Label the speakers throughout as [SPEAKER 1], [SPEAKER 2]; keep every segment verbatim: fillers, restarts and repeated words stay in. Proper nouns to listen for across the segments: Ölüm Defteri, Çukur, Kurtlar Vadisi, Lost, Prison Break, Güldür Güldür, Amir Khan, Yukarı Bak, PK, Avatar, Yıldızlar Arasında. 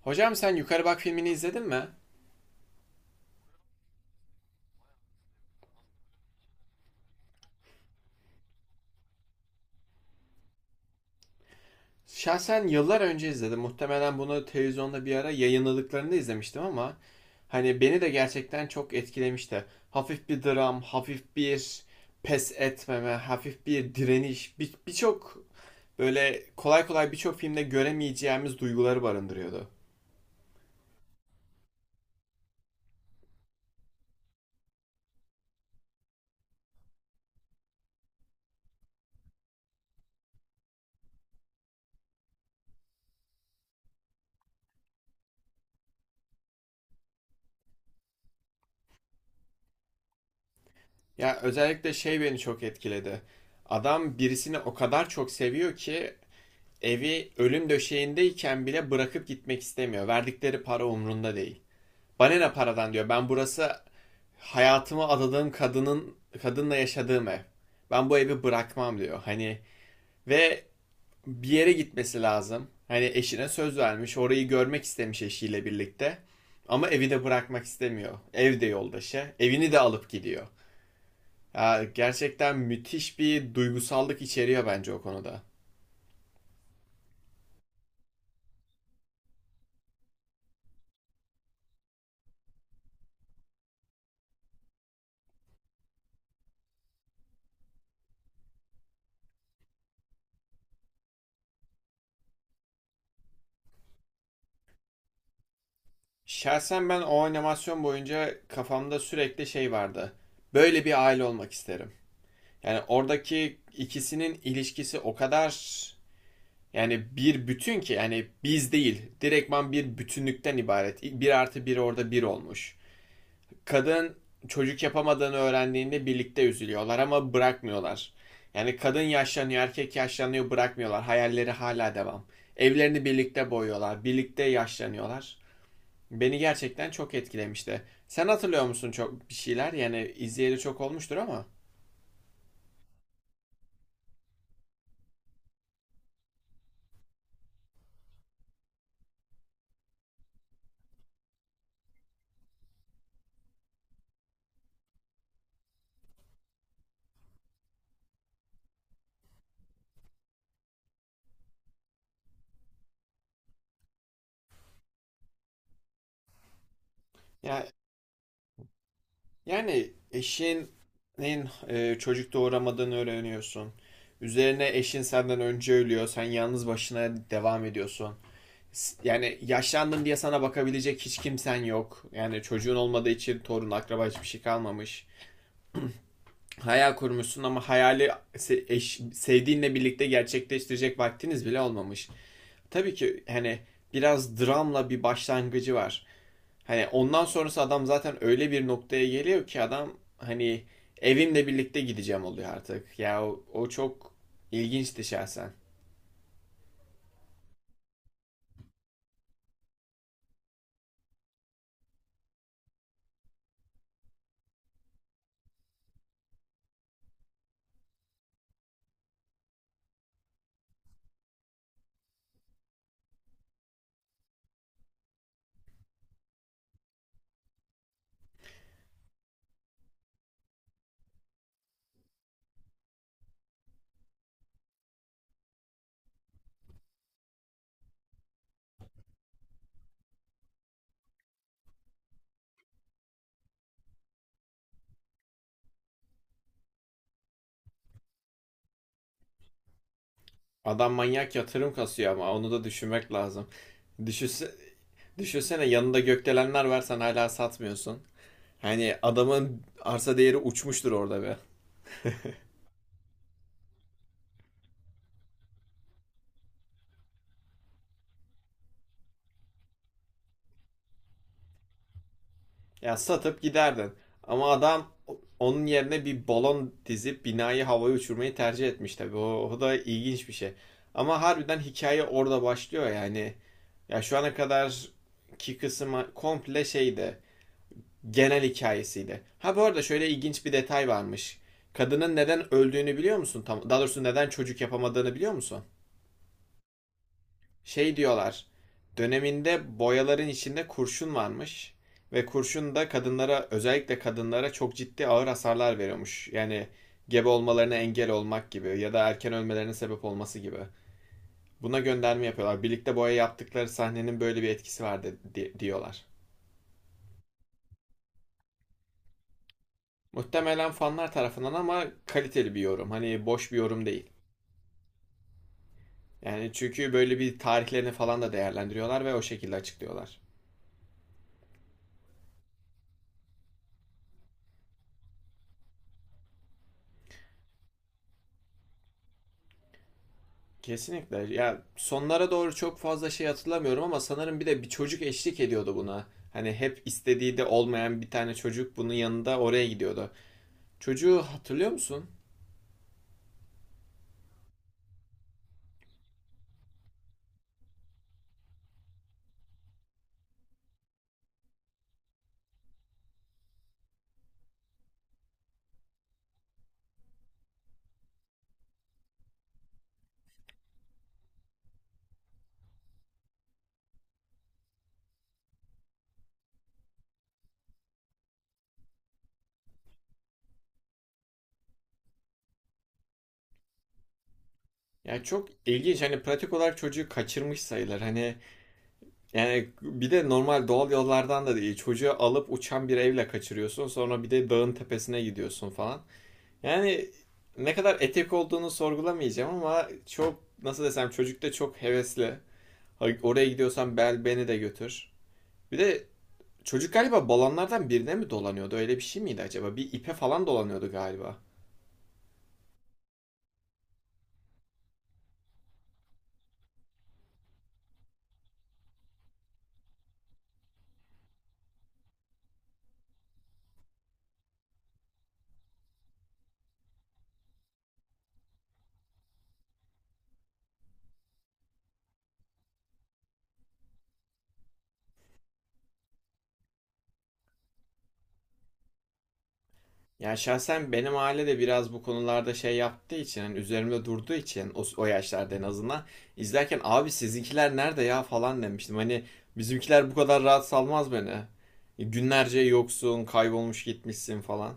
[SPEAKER 1] Hocam sen Yukarı Bak filmini izledin mi? Şahsen yıllar önce izledim. Muhtemelen bunu televizyonda bir ara yayınladıklarında izlemiştim ama hani beni de gerçekten çok etkilemişti. Hafif bir dram, hafif bir pes etmeme, hafif bir direniş, bir- birçok böyle kolay kolay birçok filmde göremeyeceğimiz duyguları barındırıyordu. Ya özellikle şey beni çok etkiledi. Adam birisini o kadar çok seviyor ki evi ölüm döşeğindeyken bile bırakıp gitmek istemiyor. Verdikleri para umrunda değil. Bana ne paradan diyor. Ben burası hayatımı adadığım kadının kadınla yaşadığım ev. Ben bu evi bırakmam diyor. Hani ve bir yere gitmesi lazım. Hani eşine söz vermiş. Orayı görmek istemiş eşiyle birlikte. Ama evi de bırakmak istemiyor. Ev de yoldaşı. Evini de alıp gidiyor. Ya gerçekten müthiş bir duygusallık içeriyor bence o konuda. Şahsen ben o animasyon boyunca kafamda sürekli şey vardı. Böyle bir aile olmak isterim. Yani oradaki ikisinin ilişkisi o kadar yani bir bütün ki, yani biz değil, direktman bir bütünlükten ibaret. Bir artı bir orada bir olmuş. Kadın çocuk yapamadığını öğrendiğinde birlikte üzülüyorlar ama bırakmıyorlar. Yani kadın yaşlanıyor, erkek yaşlanıyor, bırakmıyorlar. Hayalleri hala devam. Evlerini birlikte boyuyorlar, birlikte yaşlanıyorlar. Beni gerçekten çok etkilemişti. Sen hatırlıyor musun çok bir şeyler? Yani izleyeli çok olmuştur ama. Ya, yani eşinin e, çocuk doğuramadığını öğreniyorsun. Üzerine eşin senden önce ölüyor. Sen yalnız başına devam ediyorsun. S- Yani yaşlandın diye sana bakabilecek hiç kimsen yok. Yani çocuğun olmadığı için torun, akraba hiçbir şey kalmamış. Hayal kurmuşsun ama hayali se- eş- sevdiğinle birlikte gerçekleştirecek vaktiniz bile olmamış. Tabii ki hani biraz dramla bir başlangıcı var. Hani ondan sonrası adam zaten öyle bir noktaya geliyor ki adam hani evimle birlikte gideceğim oluyor artık. Ya o, o çok ilginçti şahsen. Adam manyak yatırım kasıyor ama onu da düşünmek lazım. Düşünse, düşünsene yanında gökdelenler var, sen hala satmıyorsun. Hani adamın arsa değeri uçmuştur orada be. Ya satıp giderdin. Ama adam onun yerine bir balon dizip binayı havaya uçurmayı tercih etmiş tabii. O, o da ilginç bir şey. Ama harbiden hikaye orada başlıyor yani. Ya şu ana kadar ki kısmı komple şeydi. Genel hikayesiydi. Ha bu arada şöyle ilginç bir detay varmış. Kadının neden öldüğünü biliyor musun? Tam, daha doğrusu neden çocuk yapamadığını biliyor musun? Şey diyorlar. Döneminde boyaların içinde kurşun varmış ve kurşun da kadınlara, özellikle kadınlara çok ciddi ağır hasarlar veriyormuş. Yani gebe olmalarına engel olmak gibi ya da erken ölmelerine sebep olması gibi. Buna gönderme yapıyorlar. Birlikte boya yaptıkları sahnenin böyle bir etkisi var di- diyorlar. Muhtemelen fanlar tarafından ama kaliteli bir yorum. Hani boş bir yorum değil. Yani çünkü böyle bir tarihlerini falan da değerlendiriyorlar ve o şekilde açıklıyorlar. Kesinlikle. Ya sonlara doğru çok fazla şey hatırlamıyorum ama sanırım bir de bir çocuk eşlik ediyordu buna. Hani hep istediği de olmayan bir tane çocuk bunun yanında oraya gidiyordu. Çocuğu hatırlıyor musun? Ya çok ilginç. Hani pratik olarak çocuğu kaçırmış sayılır. Hani yani bir de normal doğal yollardan da değil. Çocuğu alıp uçan bir evle kaçırıyorsun. Sonra bir de dağın tepesine gidiyorsun falan. Yani ne kadar etik olduğunu sorgulamayacağım ama çok nasıl desem çocuk, çocukta çok hevesli. Oraya gidiyorsan bel beni de götür. Bir de çocuk galiba balonlardan birine mi dolanıyordu? Öyle bir şey miydi acaba? Bir ipe falan dolanıyordu galiba. Yani şahsen benim aile de biraz bu konularda şey yaptığı için, hani üzerimde durduğu için, o, o yaşlarda en azından izlerken abi sizinkiler nerede ya falan demiştim. Hani bizimkiler bu kadar rahat salmaz beni. Günlerce yoksun, kaybolmuş gitmişsin falan.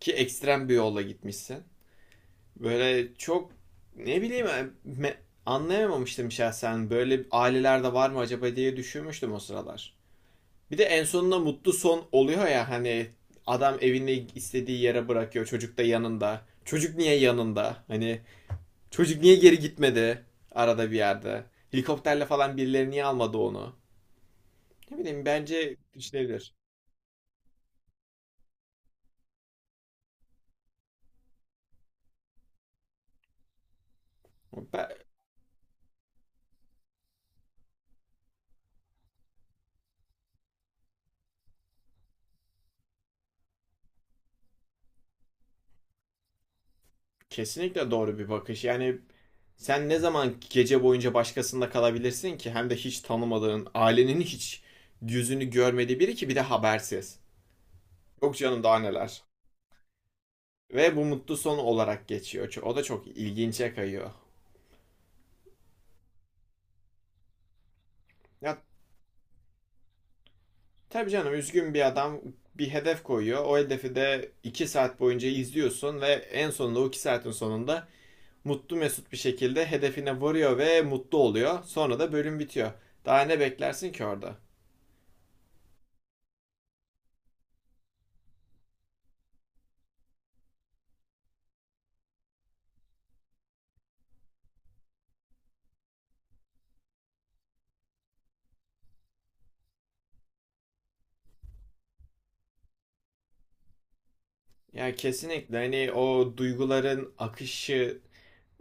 [SPEAKER 1] Ki ekstrem bir yolla gitmişsin. Böyle çok ne bileyim me- anlayamamıştım şahsen. Böyle ailelerde var mı acaba diye düşünmüştüm o sıralar. Bir de en sonunda mutlu son oluyor ya, hani adam evini istediği yere bırakıyor. Çocuk da yanında. Çocuk niye yanında? Hani çocuk niye geri gitmedi arada bir yerde? Helikopterle falan birileri niye almadı onu? Ne bileyim, bence düşünebilir. Ben, Kesinlikle doğru bir bakış. Yani sen ne zaman gece boyunca başkasında kalabilirsin ki hem de hiç tanımadığın, ailenin hiç yüzünü görmediği biri ki bir de habersiz. Yok canım daha neler. Ve bu mutlu son olarak geçiyor. O da çok ilginçe kayıyor. Ya tabii canım, üzgün bir adam bir hedef koyuyor. O hedefi de iki saat boyunca izliyorsun ve en sonunda o iki saatin sonunda mutlu mesut bir şekilde hedefine varıyor ve mutlu oluyor. Sonra da bölüm bitiyor. Daha ne beklersin ki orada? Ya kesinlikle hani o duyguların akışı,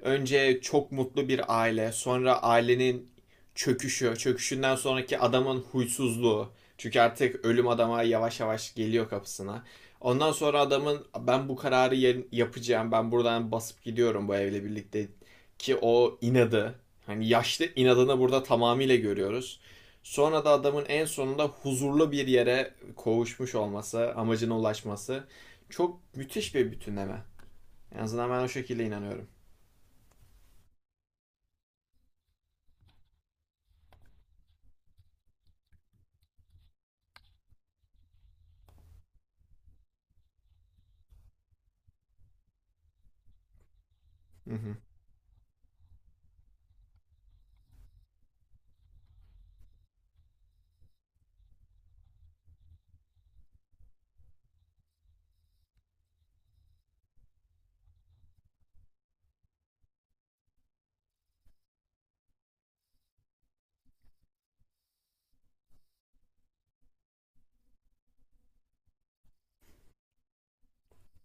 [SPEAKER 1] önce çok mutlu bir aile, sonra ailenin çöküşü, çöküşünden sonraki adamın huysuzluğu. Çünkü artık ölüm adama yavaş yavaş geliyor kapısına. Ondan sonra adamın ben bu kararı yapacağım, ben buradan basıp gidiyorum bu evle birlikte ki o inadı. Hani yaşlı inadını burada tamamıyla görüyoruz. Sonra da adamın en sonunda huzurlu bir yere kavuşmuş olması, amacına ulaşması çok müthiş bir bütünleme. En azından ben o şekilde inanıyorum. Hı hı.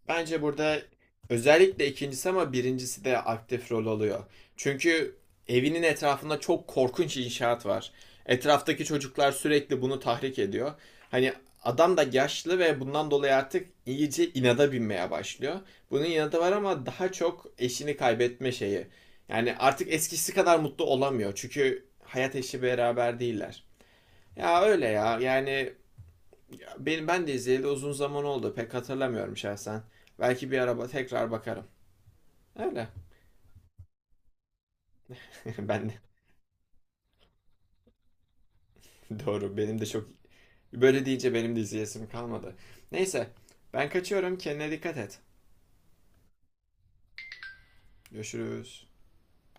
[SPEAKER 1] Bence burada özellikle ikincisi ama birincisi de aktif rol alıyor. Çünkü evinin etrafında çok korkunç inşaat var. Etraftaki çocuklar sürekli bunu tahrik ediyor. Hani adam da yaşlı ve bundan dolayı artık iyice inada binmeye başlıyor. Bunun inadı var ama daha çok eşini kaybetme şeyi. Yani artık eskisi kadar mutlu olamıyor. Çünkü hayat eşi beraber değiller. Ya öyle ya. Yani benim ben de izleyeli uzun zaman oldu. Pek hatırlamıyorum şahsen. Belki bir araba tekrar bakarım. Öyle. Ben de. Doğru. Benim de çok böyle deyince benim de izleyesim kalmadı. Neyse. Ben kaçıyorum. Kendine dikkat et. Görüşürüz.